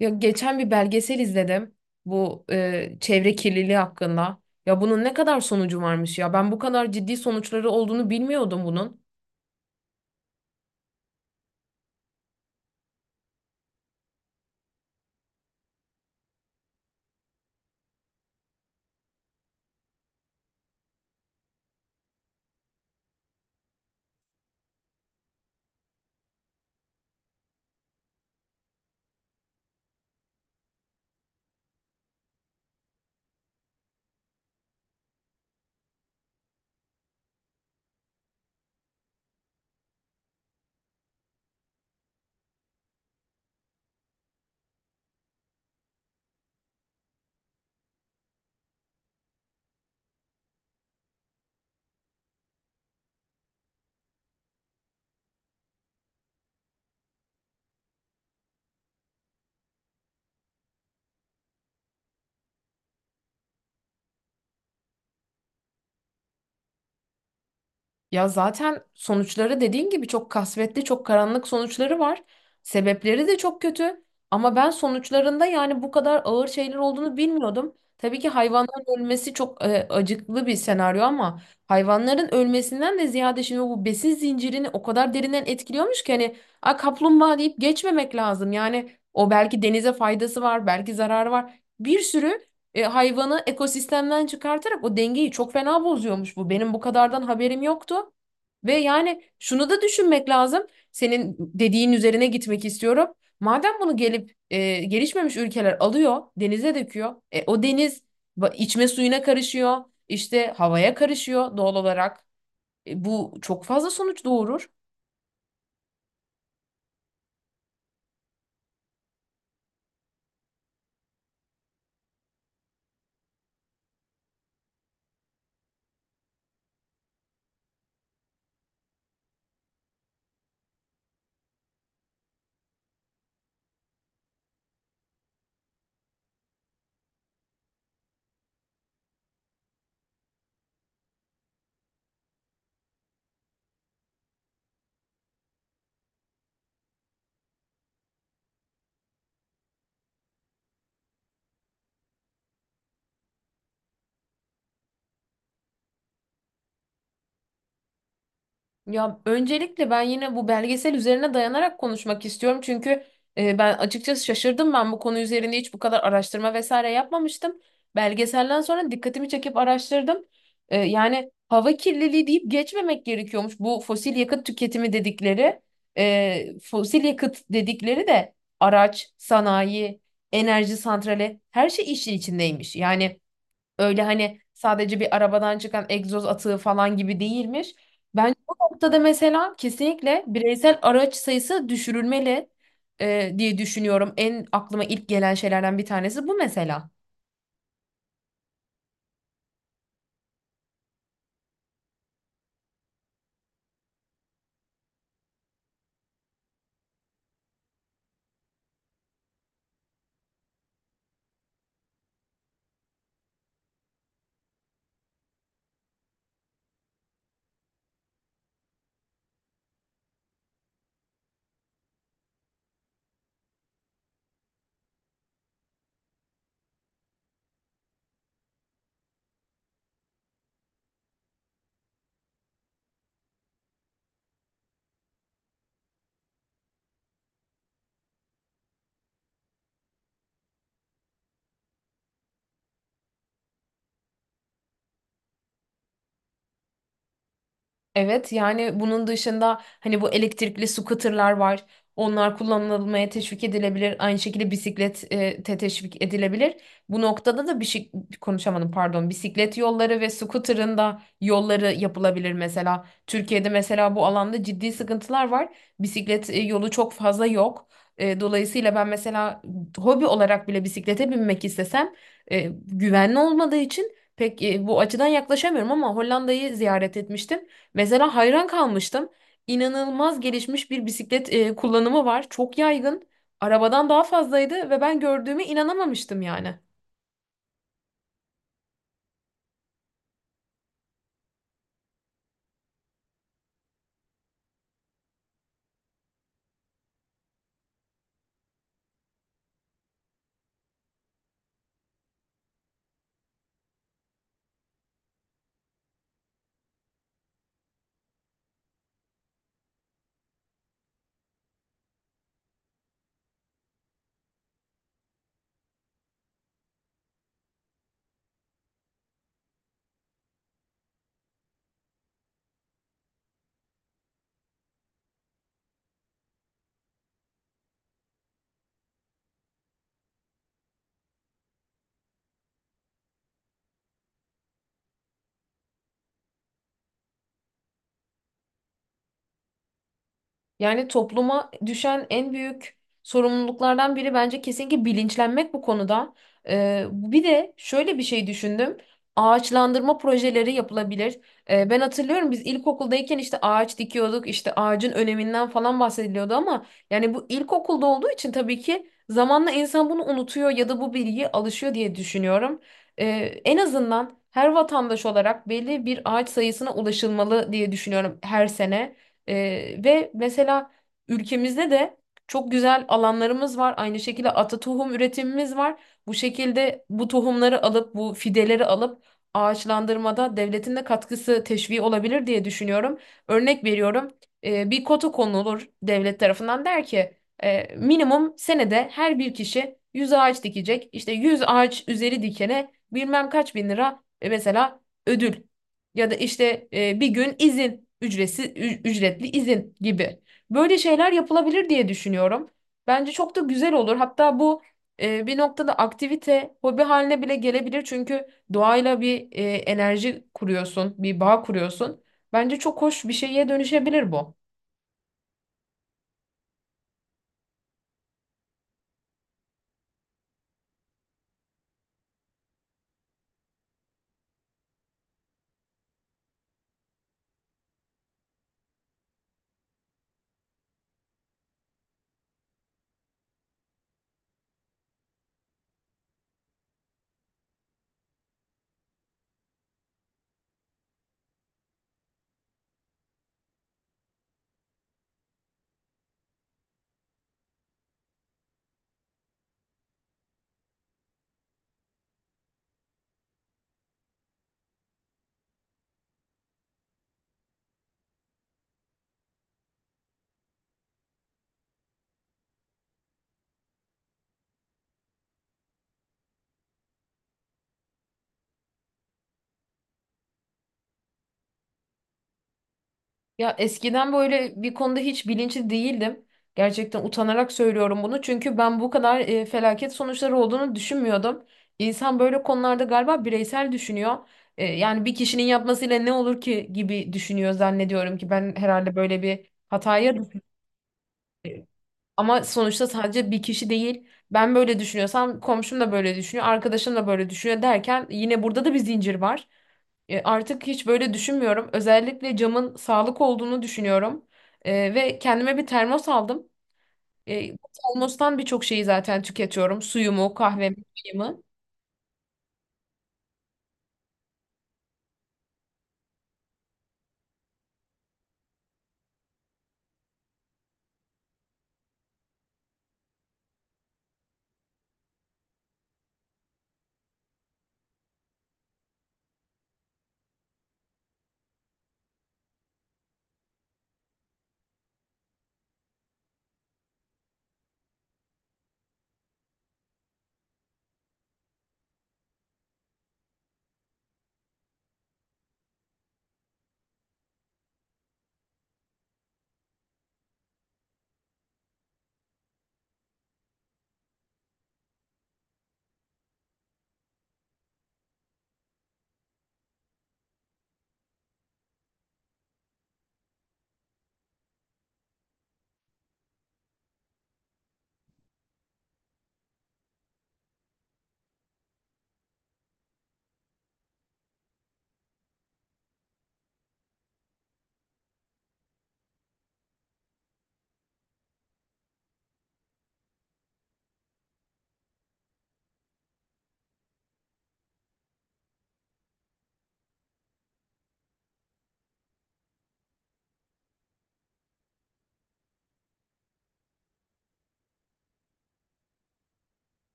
Yok geçen bir belgesel izledim bu çevre kirliliği hakkında. Ya bunun ne kadar sonucu varmış ya. Ben bu kadar ciddi sonuçları olduğunu bilmiyordum bunun. Ya zaten sonuçları dediğin gibi çok kasvetli, çok karanlık sonuçları var. Sebepleri de çok kötü. Ama ben sonuçlarında yani bu kadar ağır şeyler olduğunu bilmiyordum. Tabii ki hayvanların ölmesi çok acıklı bir senaryo ama hayvanların ölmesinden de ziyade şimdi bu besin zincirini o kadar derinden etkiliyormuş ki hani a kaplumbağa deyip geçmemek lazım. Yani o belki denize faydası var, belki zararı var. Bir sürü hayvanı ekosistemden çıkartarak o dengeyi çok fena bozuyormuş bu. Benim bu kadardan haberim yoktu. Ve yani şunu da düşünmek lazım. Senin dediğin üzerine gitmek istiyorum. Madem bunu gelip gelişmemiş ülkeler alıyor, denize döküyor. O deniz içme suyuna karışıyor, işte havaya karışıyor doğal olarak. Bu çok fazla sonuç doğurur. Ya öncelikle ben yine bu belgesel üzerine dayanarak konuşmak istiyorum. Çünkü ben açıkçası şaşırdım. Ben bu konu üzerinde hiç bu kadar araştırma vesaire yapmamıştım. Belgeselden sonra dikkatimi çekip araştırdım. Yani hava kirliliği deyip geçmemek gerekiyormuş. Bu fosil yakıt tüketimi dedikleri, fosil yakıt dedikleri de araç, sanayi, enerji santrali her şey işin içindeymiş. Yani öyle hani sadece bir arabadan çıkan egzoz atığı falan gibi değilmiş. Bence bu noktada mesela kesinlikle bireysel araç sayısı düşürülmeli diye düşünüyorum. En aklıma ilk gelen şeylerden bir tanesi bu mesela. Evet, yani bunun dışında hani bu elektrikli scooter'lar var. Onlar kullanılmaya teşvik edilebilir. Aynı şekilde bisiklet e, te teşvik edilebilir. Bu noktada da bir şey konuşamadım, pardon. Bisiklet yolları ve scooter'ın da yolları yapılabilir mesela. Türkiye'de mesela bu alanda ciddi sıkıntılar var. Bisiklet yolu çok fazla yok. Dolayısıyla ben mesela hobi olarak bile bisiklete binmek istesem e, güvenli olmadığı için pek bu açıdan yaklaşamıyorum ama Hollanda'yı ziyaret etmiştim. Mesela hayran kalmıştım. İnanılmaz gelişmiş bir bisiklet kullanımı var. Çok yaygın. Arabadan daha fazlaydı ve ben gördüğüme inanamamıştım yani. Yani topluma düşen en büyük sorumluluklardan biri bence kesinlikle bilinçlenmek bu konuda. Bir de şöyle bir şey düşündüm. Ağaçlandırma projeleri yapılabilir. Ben hatırlıyorum biz ilkokuldayken işte ağaç dikiyorduk, işte ağacın öneminden falan bahsediliyordu ama yani bu ilkokulda olduğu için tabii ki zamanla insan bunu unutuyor ya da bu bilgiye alışıyor diye düşünüyorum. Ee, En azından her vatandaş olarak belli bir ağaç sayısına ulaşılmalı diye düşünüyorum her sene. Ve mesela ülkemizde de çok güzel alanlarımız var. Aynı şekilde ata tohum üretimimiz var. Bu şekilde bu tohumları alıp bu fideleri alıp ağaçlandırmada devletin de katkısı teşvii olabilir diye düşünüyorum. Örnek veriyorum. Bir kota konulur devlet tarafından, der ki minimum senede her bir kişi 100 ağaç dikecek. İşte 100 ağaç üzeri dikene bilmem kaç bin lira mesela ödül ya da işte bir gün izin, ücretsiz ücretli izin gibi. Böyle şeyler yapılabilir diye düşünüyorum. Bence çok da güzel olur. Hatta bu bir noktada aktivite, hobi haline bile gelebilir. Çünkü doğayla bir enerji kuruyorsun, bir bağ kuruyorsun. Bence çok hoş bir şeye dönüşebilir bu. Ya eskiden böyle bir konuda hiç bilinçli değildim. Gerçekten utanarak söylüyorum bunu. Çünkü ben bu kadar felaket sonuçları olduğunu düşünmüyordum. İnsan böyle konularda galiba bireysel düşünüyor. Yani bir kişinin yapmasıyla ne olur ki gibi düşünüyor, zannediyorum ki ben herhalde böyle bir hataya düştüm. Ama sonuçta sadece bir kişi değil. Ben böyle düşünüyorsam komşum da böyle düşünüyor, arkadaşım da böyle düşünüyor derken yine burada da bir zincir var. Artık hiç böyle düşünmüyorum. Özellikle camın sağlık olduğunu düşünüyorum. Ve kendime bir termos aldım. Bu termostan birçok şeyi zaten tüketiyorum. Suyumu, kahvemi, çayımı.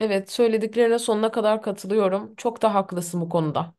Evet, söylediklerine sonuna kadar katılıyorum. Çok da haklısın bu konuda.